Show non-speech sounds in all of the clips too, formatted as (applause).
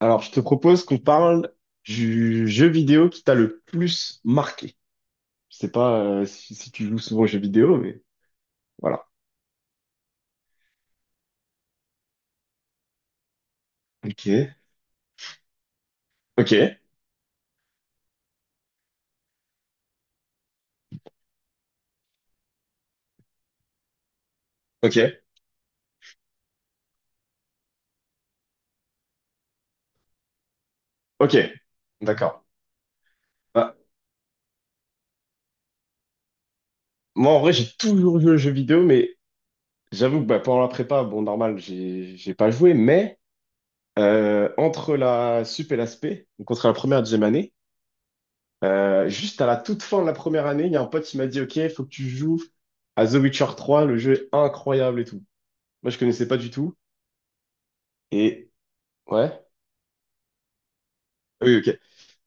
Alors, je te propose qu'on parle du jeu vidéo qui t'a le plus marqué. Je sais pas si tu joues souvent aux jeux vidéo, mais voilà. Ok, ok, ok, ok. D'accord. Bah, moi, en vrai, j'ai toujours joué aux jeux vidéo, mais j'avoue que bah, pendant la prépa, bon, normal, j'ai pas joué, mais entre la sup et la spé, donc entre la première et la deuxième année, juste à la toute fin de la première année, il y a un pote qui m'a dit, OK, faut que tu joues à The Witcher trois, le jeu est incroyable et tout. Moi, je connaissais pas du tout. Et ouais. Oui, ok.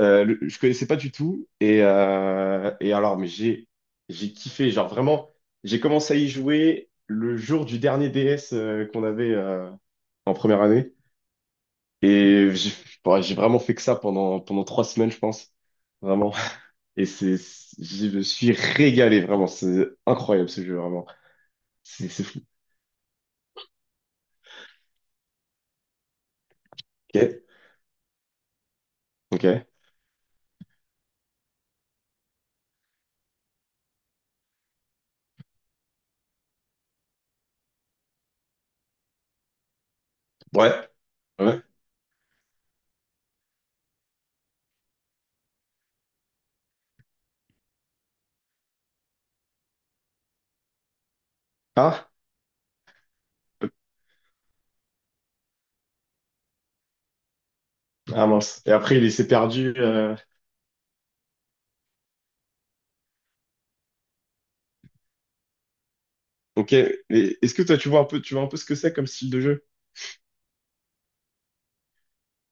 Je connaissais pas du tout. Et alors, mais j'ai kiffé. Genre, vraiment, j'ai commencé à y jouer le jour du dernier DS qu'on avait en première année. Et j'ai ouais, j'ai vraiment fait que ça pendant, pendant trois semaines, je pense. Vraiment. (laughs) Et je me suis régalé, vraiment. C'est incroyable ce jeu, vraiment. C'est fou. Ok. Ok. Ouais. Ouais. Ah. Ah mince. Et après, il s'est perdu. Ok, et est-ce que toi tu vois un peu, tu vois un peu ce que c'est comme style de jeu?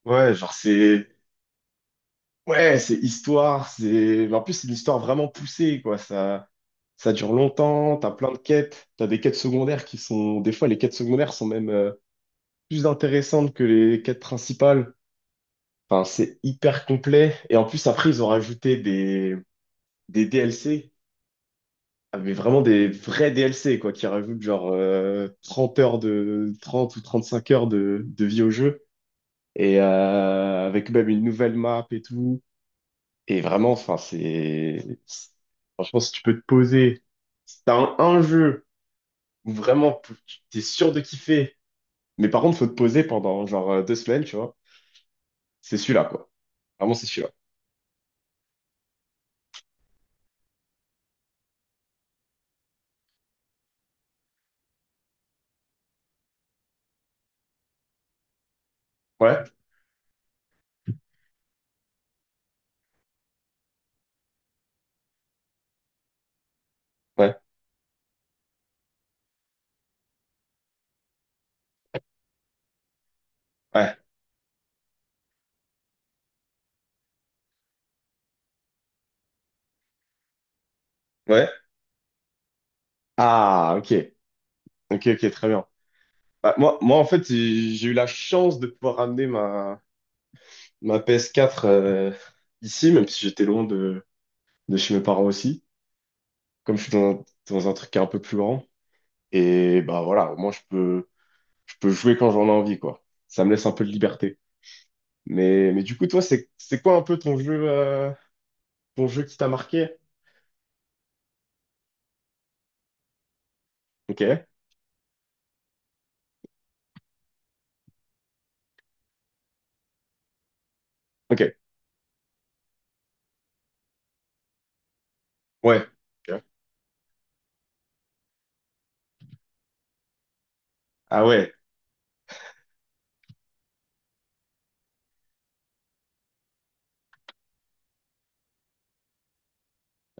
Ouais, genre c'est, ouais, c'est histoire, c'est, en plus c'est une histoire vraiment poussée quoi. Ça dure longtemps. T'as plein de quêtes, t'as des quêtes secondaires qui sont, des fois les quêtes secondaires sont même plus intéressantes que les quêtes principales. Enfin, c'est hyper complet. Et en plus après ils ont rajouté des DLC, ah, mais vraiment des vrais DLC quoi, qui rajoutent genre 30 heures de, 30 ou 35 heures de vie au jeu. Et avec même une nouvelle map et tout. Et vraiment, enfin, franchement, si tu peux te poser, si t'as un jeu où vraiment t'es sûr de kiffer, mais par contre, faut te poser pendant genre deux semaines, tu vois, c'est celui-là, quoi. Vraiment, c'est celui-là. Ouais, ouais, ouais, ouais. Ah, ok, ok, ok, très bien. Bah, en fait, j'ai eu la chance de pouvoir ramener ma ps quatre ici, même si j'étais loin de chez mes parents aussi, comme je suis dans, dans un truc qui est un peu plus grand. Et bah voilà, au moins je peux jouer quand j'en ai envie, quoi. Ça me laisse un peu de liberté. Mais du coup, toi, c'est quoi un peu ton jeu qui t'a marqué? Ok, ok, ouais. Ok. Ah ouais,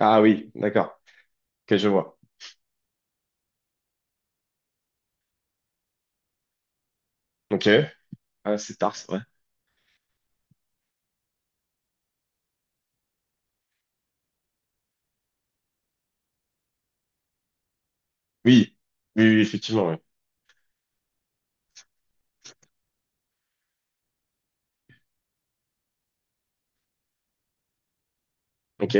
ah oui, d'accord. Ok, je vois. Ok, ah, c'est tard, c'est vrai. Oui, oui, oui, effectivement, oui. Ok,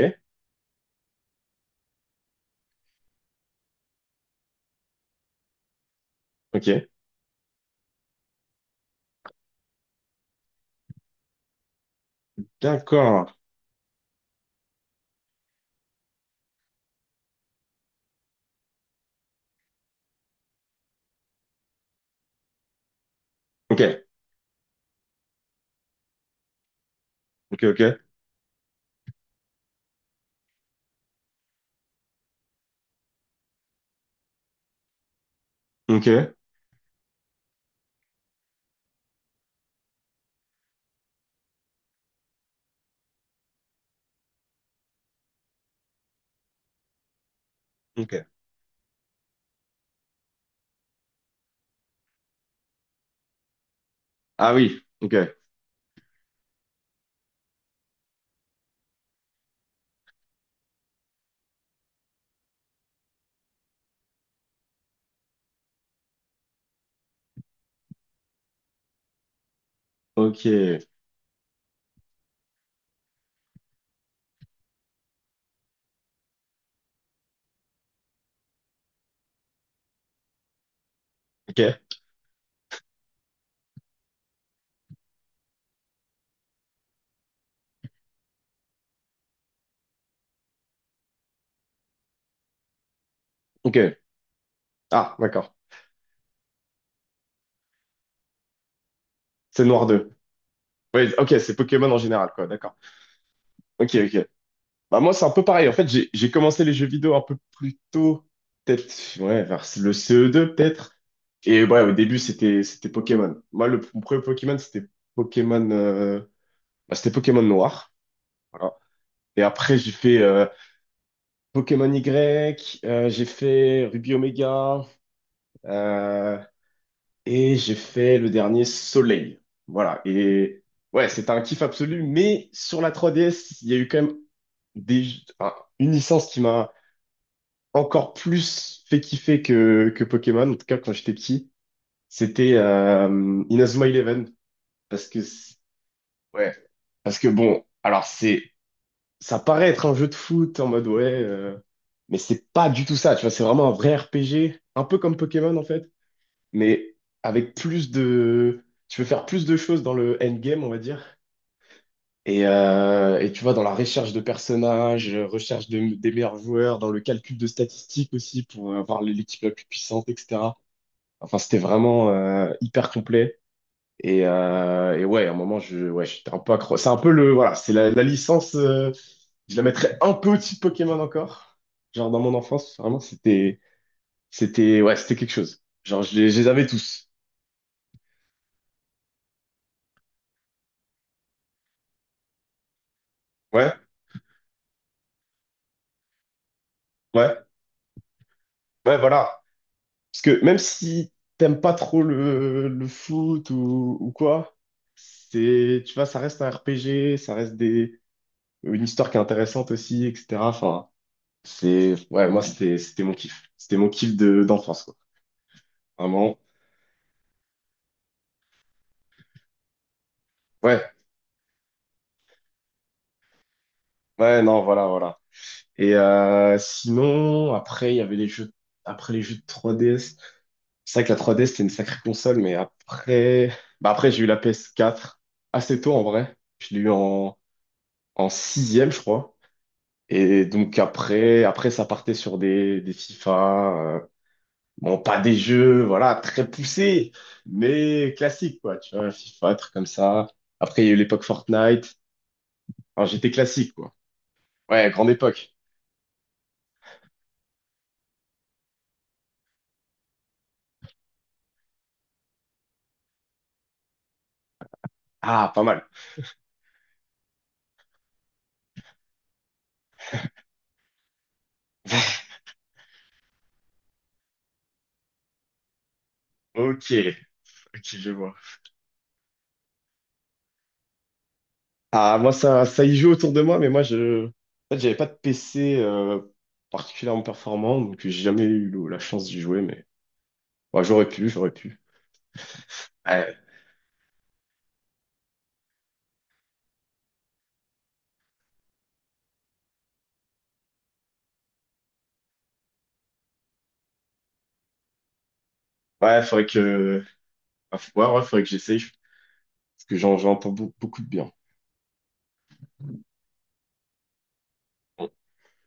ok, d'accord. Ok, ok, ok, ok, ok. Ah oui, ok, ok, ok, ok. Ah, d'accord. C'est Noir deux. Oui, ok, c'est Pokémon en général, quoi, d'accord. Ok, ok. Bah moi, c'est un peu pareil. En fait, j'ai commencé les jeux vidéo un peu plus tôt, peut-être ouais, vers le CE2 peut-être. Et ouais, au début, c'était Pokémon. Moi, mon premier Pokémon, Pokémon euh, c'était Pokémon Noir. Voilà. Et après, j'ai fait Pokémon Y, j'ai fait Ruby Omega, euh, et j'ai fait le dernier Soleil. Voilà. Et ouais, c'était un kiff absolu. Mais sur la 3DS, il y a eu quand même des, enfin, une licence qui m'a encore plus fait kiffer que Pokémon, en tout cas quand j'étais petit, c'était Inazuma Eleven. Parce que, c'est- ouais, parce que bon, ça paraît être un jeu de foot en mode ouais, mais c'est pas du tout ça, tu vois, c'est vraiment un vrai RPG, un peu comme Pokémon en fait, mais avec plus de, tu peux faire plus de choses dans le endgame, on va dire. Et tu vois, dans la recherche de personnages, recherche de, des meilleurs joueurs, dans le calcul de statistiques aussi pour avoir l'équipe la plus puissante, etc. Enfin, c'était vraiment hyper complet. Et ouais, à un moment, ouais, j'étais un peu accro. C'est un peu voilà, c'est la licence. Je la mettrais un peu au-dessus de Pokémon encore. Genre dans mon enfance, vraiment, ouais, c'était quelque chose. Genre, je les avais tous. Ouais, ouais, ouais, voilà. Parce que même si t'aimes pas trop le foot ou quoi, tu vois, ça reste un RPG, ça reste des, une histoire qui est intéressante aussi, etc. Enfin. Ouais, moi, c'était mon kiff. C'était mon kiff de, d'enfance, quoi. Vraiment. Ouais, ouais, non, voilà, voilà. Et sinon, après, il y avait les jeux, après les jeux de 3DS. C'est vrai que la 3DS, c'était une sacrée console, mais après, bah après, j'ai eu la PS4 assez tôt, en vrai. Je l'ai eu en sixième, je crois. Et donc après, après, ça partait sur des FIFA. Bon, pas des jeux, voilà, très poussés, mais classiques, quoi. Tu vois, FIFA, un truc comme ça. Après, il y a eu l'époque Fortnite. Enfin, j'étais classique, quoi. Ouais, grande époque. Ah, pas mal. (laughs) Ok, ok, je vois. Ah, moi, ça y joue autour de moi, mais moi, je... En fait, j'avais pas de PC particulièrement performant, donc j'ai jamais eu la chance d'y jouer, mais ouais, j'aurais pu. Ouais, ouais, faudrait que... Ouais, ouais, ouais, faudrait que j'essaye, parce que j'en entends beaucoup de bien.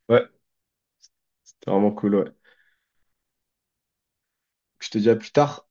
Ouais, c'était vraiment cool, ouais. Je te dis à plus tard.